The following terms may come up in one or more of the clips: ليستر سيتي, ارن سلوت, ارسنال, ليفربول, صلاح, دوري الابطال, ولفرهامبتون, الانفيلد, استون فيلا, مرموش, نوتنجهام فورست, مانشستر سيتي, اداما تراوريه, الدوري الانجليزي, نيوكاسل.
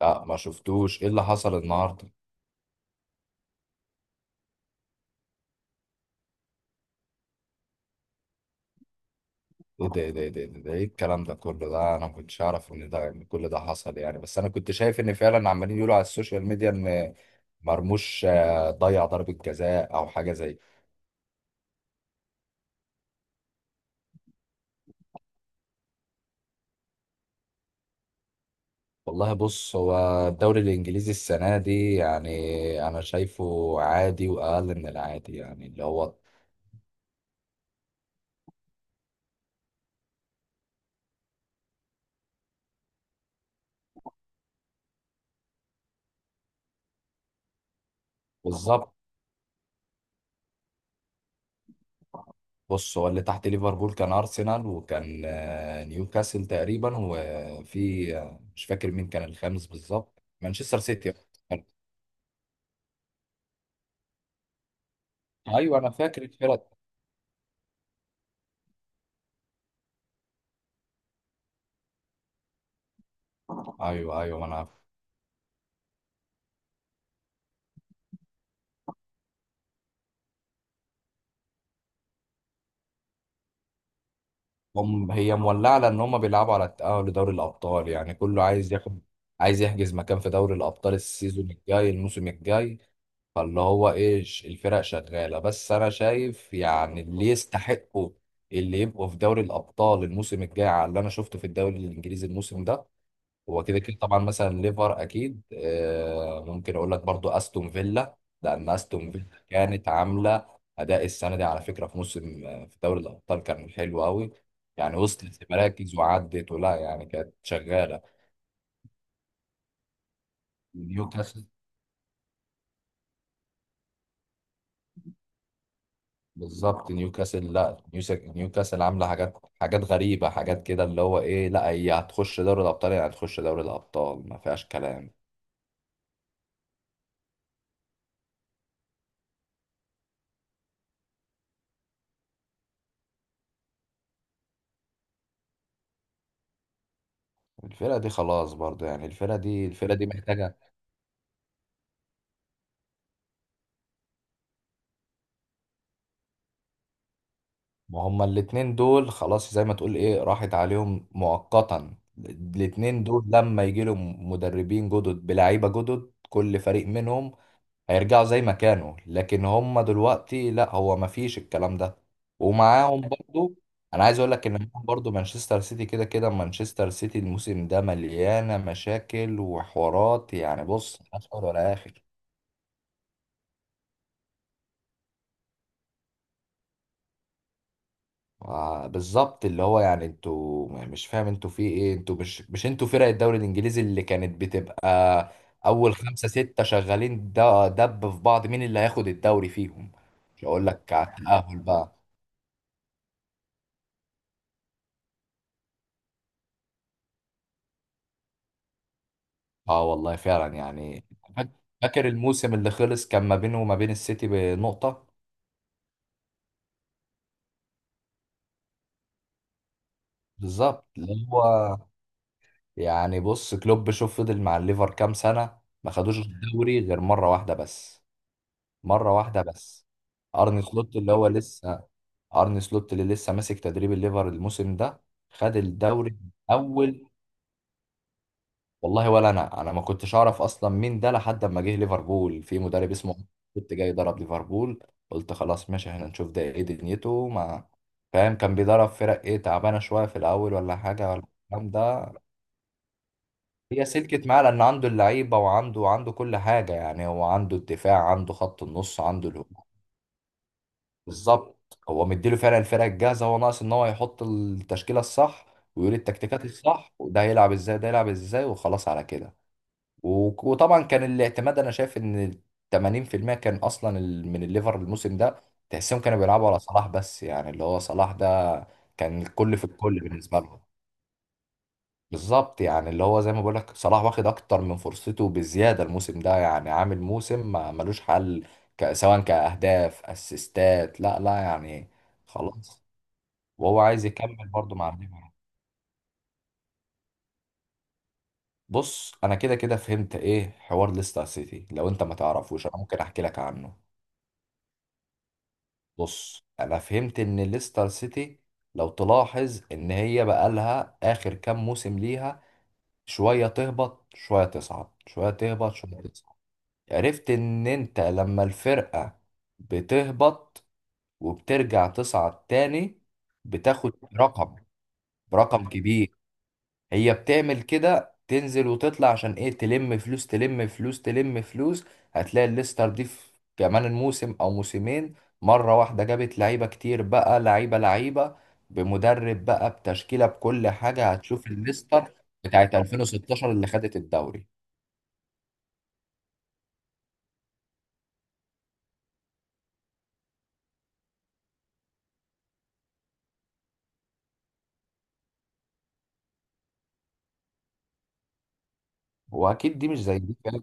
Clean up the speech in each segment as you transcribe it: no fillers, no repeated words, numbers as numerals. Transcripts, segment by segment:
لا، ما شفتوش. ايه اللي حصل النهارده؟ ايه ده، ايه ده، ايه ده، ايه ده، إيه الكلام ده كله؟ ده انا ما كنتش اعرف ان ده إن كل ده حصل، يعني. بس انا كنت شايف ان فعلا عمالين يقولوا على السوشيال ميديا ان مرموش، ضيع ضربة جزاء او حاجة زي. والله، بص، هو الدوري الانجليزي السنة دي، يعني انا شايفه عادي واقل من العادي، يعني اللي هو. بالظبط. بص، هو اللي تحت ليفربول كان ارسنال، وكان نيوكاسل تقريبا، وفي مش فاكر مين كان الخامس بالظبط، مانشستر سيتي. ايوه، انا فاكر الفرق. ايوه، ايوه، ما انا عارف. هم، هي مولعه لان هم بيلعبوا على التاهل لدوري الابطال، يعني كله عايز ياخد، عايز يحجز مكان في دوري الابطال السيزون الجاي، الموسم الجاي. فاللي هو، ايه، الفرق شغاله، بس انا شايف، يعني اللي يستحقوا اللي يبقوا في دوري الابطال الموسم الجاي على اللي انا شفته في الدوري الانجليزي الموسم ده، هو كده كده طبعا. مثلا ليفر اكيد، ممكن اقول لك برضو استون فيلا. لان استون فيلا كانت عامله اداء السنه دي، على فكره، في موسم، في دوري الابطال كان حلو قوي. يعني وصلت لمراكز وعدت، ولا يعني كانت شغاله. نيوكاسل. بالظبط، نيوكاسل. لا، نيوكاسل عامله حاجات حاجات غريبه، حاجات كده، اللي هو، ايه، لا هي هتخش دوري الابطال، يعني هتخش دوري الابطال ما فيهاش كلام. الفرقه دي خلاص برضو، يعني الفرقه دي محتاجه. ما هما الاتنين دول خلاص، زي ما تقول، ايه، راحت عليهم مؤقتا. الاتنين دول لما يجي لهم مدربين جدد بلعيبة جدد، كل فريق منهم هيرجعوا زي ما كانوا. لكن هما دلوقتي لا، هو ما فيش الكلام ده. ومعاهم برضو. انا عايز اقول لك ان معاهم برضو مانشستر سيتي. كده كده مانشستر سيتي الموسم ده مليانة مشاكل وحوارات، يعني بص، ملهاش اول ولا اخر. بالظبط. اللي هو، يعني، انتوا مش فاهم انتوا في ايه. انتوا مش، انتوا فرق الدوري الانجليزي اللي كانت بتبقى اول خمسة ستة شغالين، دب في بعض مين اللي هياخد الدوري فيهم. مش هقول لك على التأهل بقى. اه، والله فعلا يعني. فاك- فاكر الموسم اللي خلص كان ما بينه وما بين السيتي بنقطة. بالظبط اللي هو. يعني بص، كلوب، شوف فضل مع الليفر كام سنة. ما خدوش الدوري غير مرة واحدة بس، مرة واحدة بس. ارني سلوت اللي هو لسه ارن سلوت اللي لسه ماسك تدريب الليفر الموسم ده، خد الدوري الاول. والله، ولا انا ما كنتش اعرف اصلا مين ده لحد ما جه ليفربول في مدرب اسمه كنت جاي يدرب ليفربول. قلت خلاص ماشي، احنا نشوف ده ايه دنيته، ما فاهم كان بيدرب فرق ايه، تعبانه شويه في الاول ولا حاجه ولا الكلام ده. هي سلكت معاه لان عنده اللعيبه، وعنده كل حاجه، يعني هو عنده الدفاع، عنده خط النص، عنده الهجوم. بالظبط، هو مديله فعلا الفرقه الجاهزه. هو ناقص ان هو يحط التشكيله الصح، ويقول التكتيكات الصح، وده هيلعب ازاي، ده هيلعب ازاي، وخلاص على كده. وطبعا كان الاعتماد، انا شايف ان 80% كان اصلا من الليفر الموسم ده. تحسهم كانوا بيلعبوا على صلاح بس، يعني اللي هو صلاح ده كان الكل في الكل بالنسبه لهم. بالظبط، يعني اللي هو، زي ما بقولك، صلاح واخد اكتر من فرصته بزياده الموسم ده، يعني عامل موسم ما ملوش حل، سواء كاهداف اسيستات، لا، لا يعني. خلاص. وهو عايز يكمل برضه مع الليفر. بص، انا كده كده فهمت ايه حوار ليستر سيتي. لو انت ما تعرفوش انا ممكن احكي لك عنه. بص، انا فهمت ان ليستر سيتي، لو تلاحظ ان هي بقالها اخر كام موسم ليها، شويه تهبط شويه تصعد، شويه تهبط شويه تصعد. عرفت ان انت لما الفرقة بتهبط وبترجع تصعد تاني، بتاخد رقم رقم كبير. هي بتعمل كده، تنزل وتطلع، عشان ايه؟ تلم فلوس، تلم فلوس، تلم فلوس. هتلاقي الليستر دي في كمان الموسم او موسمين، مرة واحدة جابت لعيبة كتير بقى، لعيبة لعيبة، بمدرب بقى، بتشكيلة، بكل حاجة، هتشوف الليستر بتاعت 2016 اللي خدت الدوري. واكيد دي مش زي دي فعلا.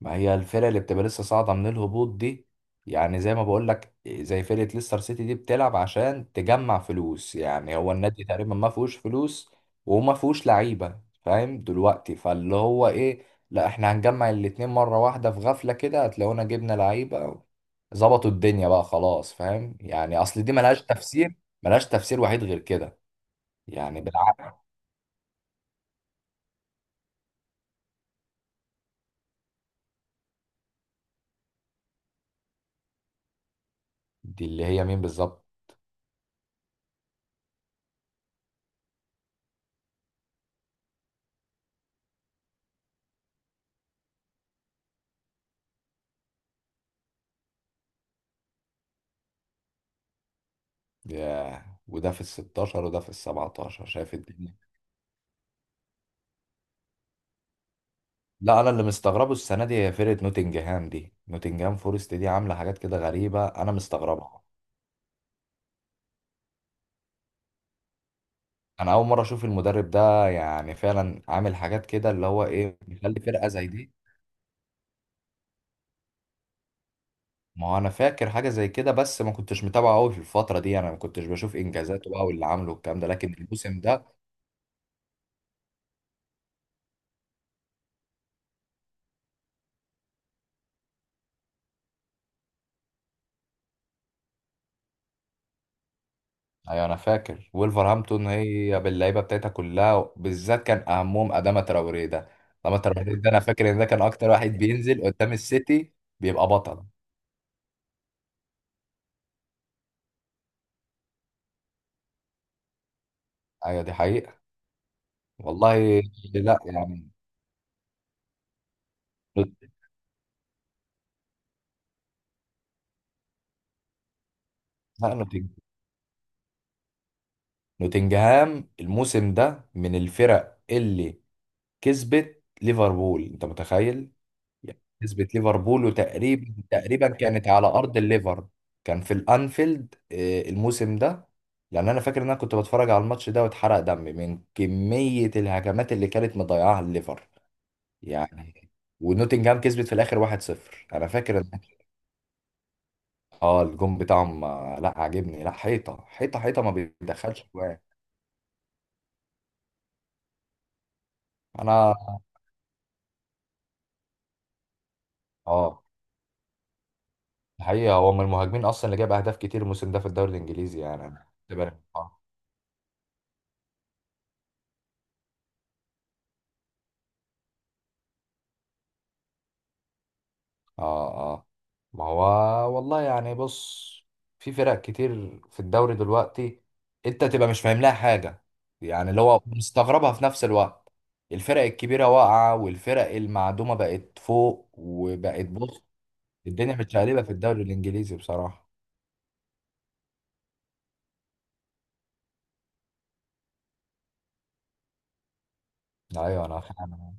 ما هي الفرق اللي بتبقى لسه صاعدة من الهبوط دي، يعني زي ما بقول لك، زي فرقة ليستر سيتي دي، بتلعب عشان تجمع فلوس. يعني هو النادي تقريبا ما فيهوش فلوس، وما فيهوش لعيبة، فاهم دلوقتي؟ فاللي هو، ايه، لا، احنا هنجمع الاتنين مرة واحدة في غفلة كده، هتلاقونا جبنا لعيبة، ظبطوا الدنيا بقى، خلاص. فاهم؟ يعني اصل دي ملهاش تفسير، ملهاش تفسير وحيد غير كده. يعني بالعقل. دي اللي هي مين بالظبط؟ ياه، وده في ال 16 وده في ال 17، شايف الدنيا؟ لا، انا اللي مستغربه السنه دي هي فرقه نوتنجهام دي، نوتنجهام فورست دي عامله حاجات كده غريبه، انا مستغربها. انا اول مره اشوف المدرب ده، يعني فعلا عامل حاجات كده اللي هو، ايه، بيخلي فرقه زي دي. ما هو انا فاكر حاجه زي كده، بس ما كنتش متابعه قوي في الفتره دي، انا ما كنتش بشوف انجازاته بقى واللي عامله والكلام ده، لكن الموسم ده. ايوه، انا فاكر ولفرهامبتون هي باللعيبه بتاعتها كلها، بالذات كان اهمهم اداما تراوريه ده. اداما تراوريه ده انا فاكر ان ده كان اكتر واحد بينزل قدام السيتي، بيبقى بطل. ايوه، دي حقيقة. والله، لا يعني، نوت- لا، نوتنجهام الموسم ده من الفرق اللي كسبت ليفربول، انت متخيل؟ يعني كسبت ليفربول، وتقريبا تقريبا كانت على ارض الليفر، كان في الانفيلد، الموسم ده. لان انا فاكر ان انا كنت بتفرج على الماتش ده واتحرق دمي من كمية الهجمات اللي كانت مضيعاها الليفر. يعني. ونوتنجهام كسبت في الاخر 1-0. انا فاكر. اه، الجون بتاعهم، لا عاجبني، لا، حيطه حيطه حيطه، ما بيدخلش جوان. انا اه الحقيقه هو من المهاجمين اصلا اللي جاب اهداف كتير الموسم ده في الدوري الانجليزي، يعني أنا كنت اه، اه، آه. ما هو، والله، يعني، بص، في فرق كتير في الدوري دلوقتي انت تبقى مش فاهم لها حاجه. يعني اللي هو، مستغربها في نفس الوقت. الفرق الكبيره واقعه، والفرق المعدومه بقت فوق، وبقت، بص. الدنيا متشقلبه في الدوري الانجليزي بصراحه. ايوه، انا فاهم.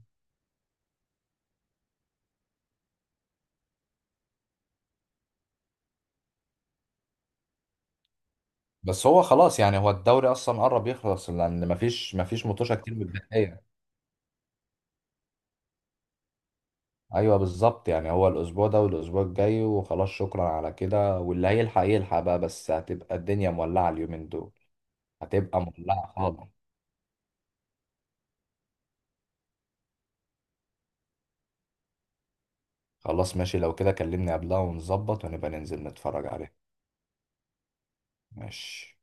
بس هو خلاص، يعني هو الدوري اصلا قرب يخلص، لان مفيش مطوشه كتير متبقيه. ايوه، بالظبط، يعني هو الاسبوع ده والاسبوع الجاي، وخلاص، شكرا على كده، واللي هيلحق يلحق بقى، بس هتبقى الدنيا مولعه اليومين دول. هتبقى مولعه خالص. خلاص، ماشي، لو كده كلمني قبلها ونظبط ونبقى ننزل نتفرج عليه. ماشي.